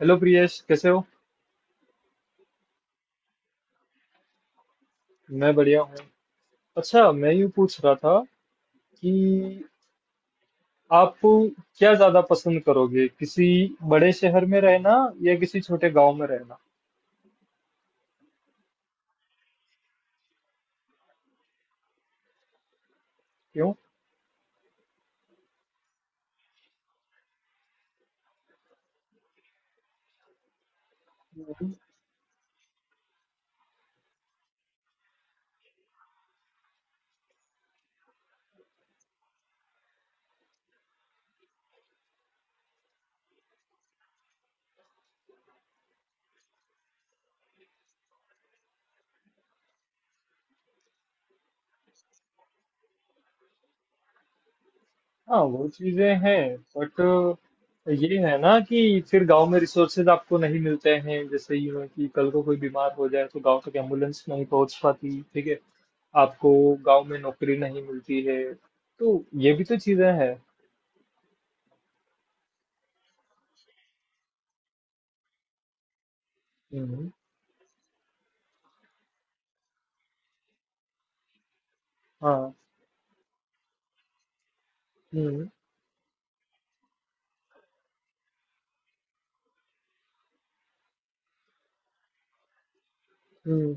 Hello Priyesh, कैसे हो। मैं बढ़िया हूँ। अच्छा, मैं यूँ पूछ रहा था कि आप क्या ज्यादा पसंद करोगे, किसी बड़े शहर में रहना या किसी छोटे गांव में रहना? क्यों? हाँ, वो चीजें हैं, बट ये है ना कि फिर गांव में रिसोर्सेज आपको नहीं मिलते हैं। जैसे यूँ है कि कल को कोई बीमार हो जाए तो गांव तक एम्बुलेंस नहीं पहुंच पाती, ठीक है। आपको गांव में नौकरी नहीं मिलती है, तो ये भी तो चीजें हैं। हम्म। हाँ। हम्म। हम्म।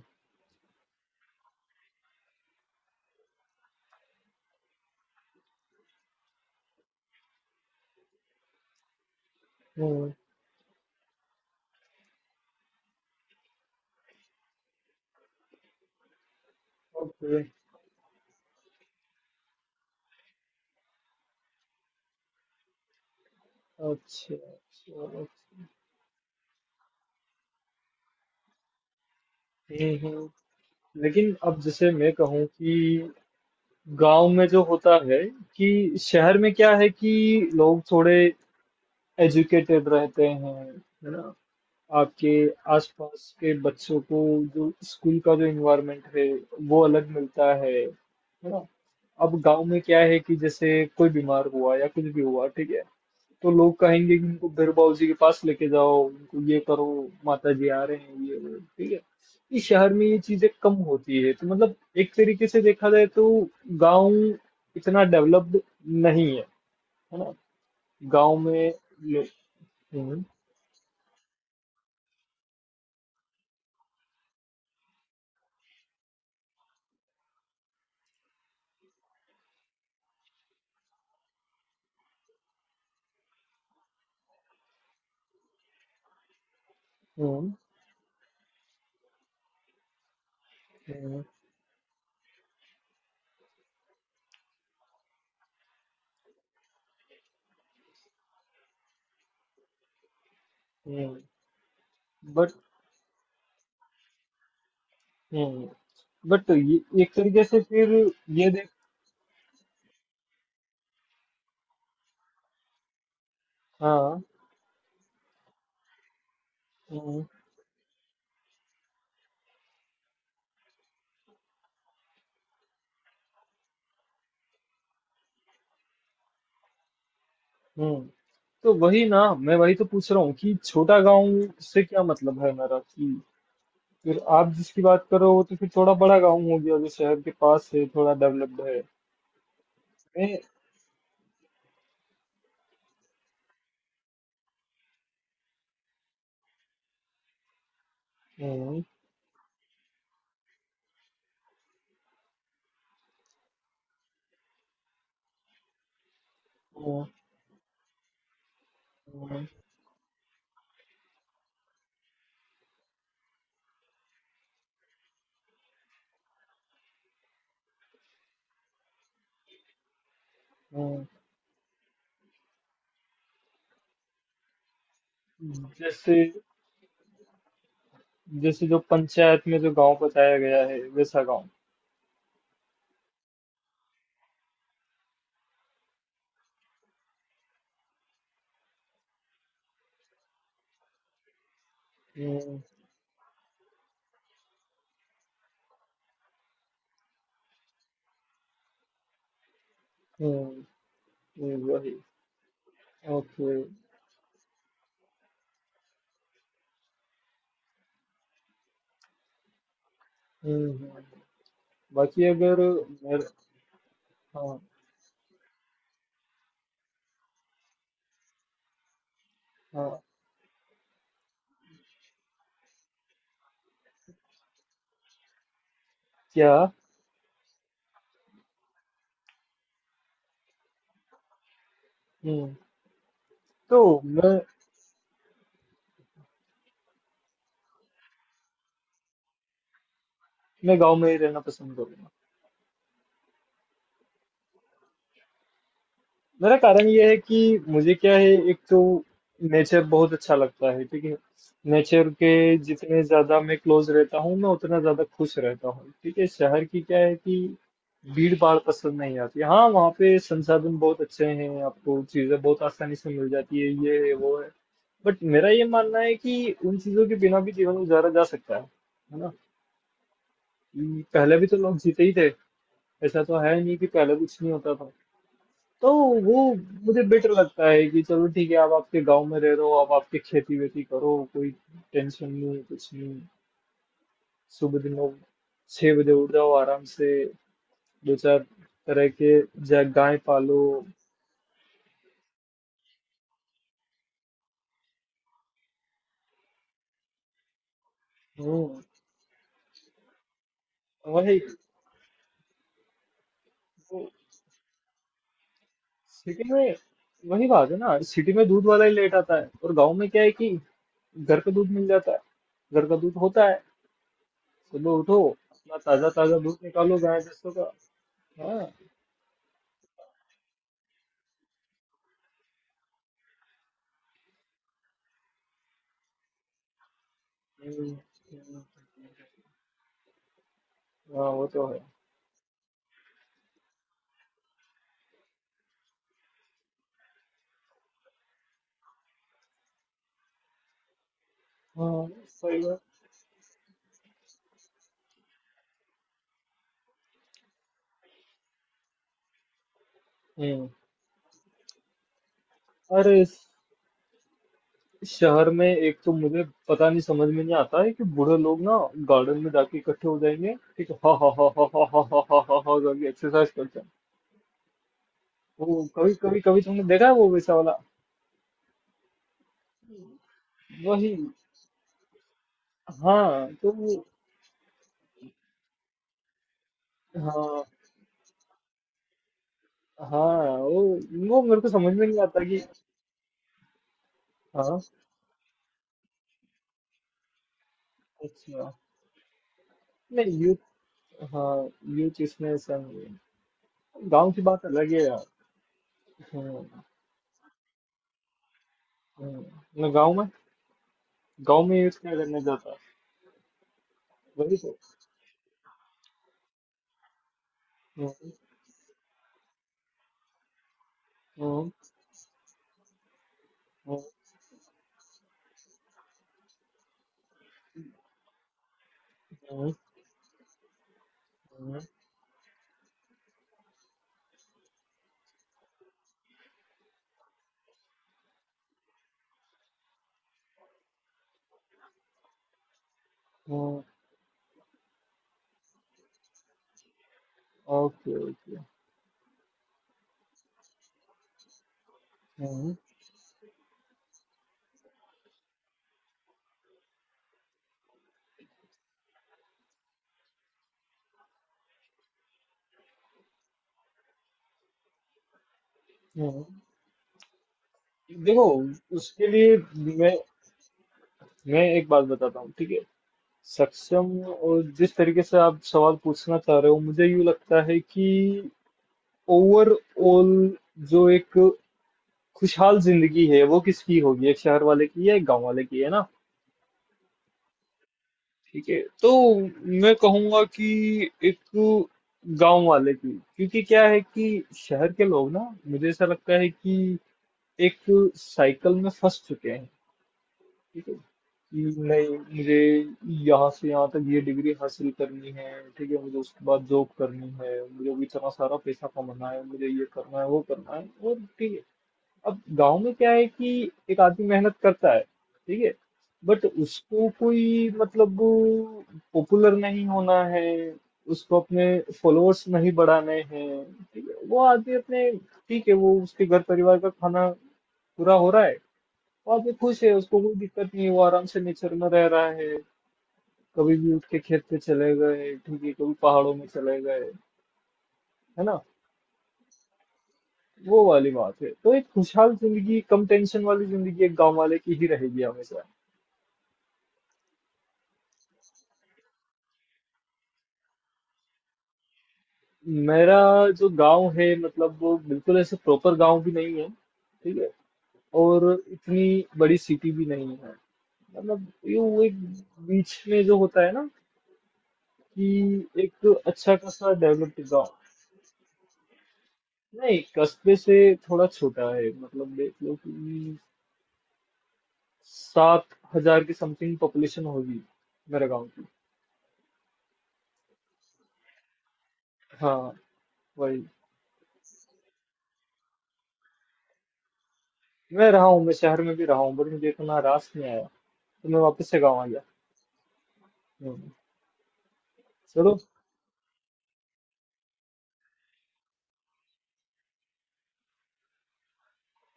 हुँ। ओके। अच्छा, चलो, ठीक है। लेकिन अब जैसे मैं कहूँ कि गाँव में जो होता है कि शहर में क्या है कि लोग थोड़े एजुकेटेड रहते हैं, है ना। आपके आसपास के बच्चों को जो स्कूल का जो इन्वायरमेंट है, वो अलग मिलता है ना। अब गांव में क्या है कि जैसे कोई बीमार हुआ या कुछ भी हुआ, ठीक है, तो लोग कहेंगे कि उनको बिरबाऊ जी के पास लेके जाओ, उनको ये करो, माता जी आ रहे हैं, ये वो, ठीक है। इस शहर में ये चीजें कम होती है, तो मतलब एक तरीके से देखा जाए तो गांव इतना डेवलप्ड नहीं है, है ना। गांव में लो- हम्म। हम्म। हम्म। हम्म। बट हम्म। बट ये एक तरीके से फिर ये देख। हाँ। हम्म। हम्म। तो वही ना, मैं वही तो पूछ रहा हूँ कि छोटा गांव से क्या मतलब है मेरा, कि फिर आप जिसकी बात करो वो तो फिर थोड़ा बड़ा गांव हो गया जो शहर के पास है, थोड़ा डेवलप्ड है। मैं हम्म। हम्म। हम्म। हम्म। जैसे जैसे जो पंचायत में जो गांव बताया गया है, वैसा गांव। हम्म। हम्म। वही। ओके। हम्म। हम्म। बाकी अगर मेरे हाँ हाँ क्या हम्म तो मैं मैं गांव में ही रहना पसंद करूंगा। मेरा कारण ये है कि मुझे क्या है, एक तो नेचर बहुत अच्छा लगता है, ठीक है। नेचर के जितने ज्यादा मैं क्लोज रहता हूँ, मैं उतना ज्यादा खुश रहता हूँ, ठीक है। शहर की क्या है कि भीड़ भाड़ पसंद नहीं आती। हाँ, वहाँ पे संसाधन बहुत अच्छे हैं, आपको चीजें बहुत आसानी से मिल जाती है, ये है वो है, बट मेरा ये मानना है कि उन चीजों के बिना भी जीवन गुजारा जा सकता है ना। पहले भी तो लोग जीते ही थे। ऐसा तो है नहीं कि पहले कुछ नहीं होता था। तो वो मुझे बेटर लगता है कि चलो ठीक है, आप आपके गांव में रह रहे हो, आप आपकी खेती वेती करो, कोई टेंशन नहीं, कुछ नहीं। सुबह दिनों 6 बजे उठ जाओ आराम से, दो चार तरह के जा गाय पालो। हम्म। वही। वो सिटी में, वही बात है ना, सिटी में दूध वाला ही लेट आता है, और गांव में क्या है कि घर का दूध मिल जाता है। घर का दूध होता है। सुबह उठो, अपना ताजा ताजा दूध निकालो गाय भैंसों का। हाँ। हम्म। हाँ, वो तो है। हाँ, सही है। हम्म। अरे इस शहर में एक तो मुझे पता नहीं, समझ में नहीं आता है कि बूढ़े लोग ना गार्डन में जाके इकट्ठे हो जाएंगे, ठीक है, हा हा हा हा हा हा हा हा हा हा करके एक्सरसाइज करते हैं। वो कभी कभी कभी तुमने देखा है, वो वैसा वाला? वही। हाँ, तो वो हाँ हाँ वो मेरे को समझ में नहीं आता कि। हाँ। अच्छा, नहीं यूथ। हाँ, यूथ इसमें ऐसा नहीं है। गाँव की बात अलग है, यार। हम्म। हम्म। ना गाँव में गांव में यूज क्या करने जाता है? वही तो। हम्म। हम्म। हम्म। हम्म। हम्म। हम्म। Okay, okay. हम्म। हम्म। देखो, उसके लिए मैं एक बात बताता हूँ, ठीक है। सक्षम और जिस तरीके से आप सवाल पूछना चाह रहे हो, मुझे यूँ लगता है कि ओवरऑल जो एक खुशहाल जिंदगी है, वो किसकी होगी, एक शहर वाले की या एक गांव वाले की, है ना। ठीक है, तो मैं कहूंगा कि एक गांव वाले की। क्योंकि क्या है कि शहर के लोग ना, मुझे ऐसा लगता है कि एक साइकिल में फंस चुके हैं, ठीक है कि नहीं। मुझे यहाँ से यहाँ तक ये डिग्री हासिल करनी है, ठीक है, मुझे उसके बाद जॉब करनी है, मुझे भी इतना सारा पैसा कमाना है, मुझे ये करना है वो करना है और ठीक है। अब गांव में क्या है कि एक आदमी मेहनत करता है, ठीक है, बट उसको कोई मतलब पॉपुलर नहीं होना है, उसको अपने फॉलोअर्स नहीं बढ़ाने हैं, ठीक है। वो आदमी अपने ठीक है, वो उसके घर परिवार का खाना पूरा हो रहा है, वो आदमी खुश है, उसको कोई दिक्कत नहीं है, वो आराम से नेचर में रह रहा है। कभी भी उठ के खेत पे चले गए, ठीक है, कभी पहाड़ों में चले गए, है ना। वो वाली बात है। तो एक खुशहाल जिंदगी, कम टेंशन वाली जिंदगी, एक गांव वाले की ही रहेगी हमेशा। मेरा जो गांव है, मतलब वो बिल्कुल ऐसे प्रॉपर गांव भी नहीं है, ठीक है, और इतनी बड़ी सिटी भी नहीं है। मतलब ये वो एक बीच में जो होता है ना, कि एक अच्छा खासा डेवलप्ड गांव। नहीं, कस्बे से थोड़ा छोटा है, मतलब देख लो कि 7 हजार की समथिंग पॉपुलेशन होगी मेरे गांव की। हाँ। वही। मैं रहा हूँ, मैं शहर में भी रहा हूँ, बट मुझे इतना रास नहीं आया, तो मैं वापस से गाँव आ गया। हम्म। चलो।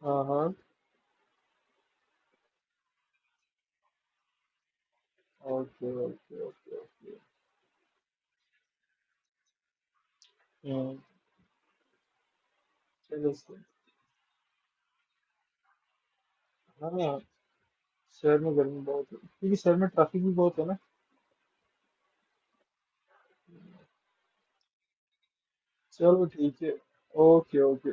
हाँ हाँ। Okay okay okay okay. हम्म। चलो सर। हाँ, शहर में गर्मी बहुत है क्योंकि शहर में ट्रैफिक भी बहुत है ना। चलो ठीक है। Okay okay.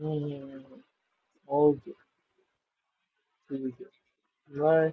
हम्म। ओके। ठीक है, बाय।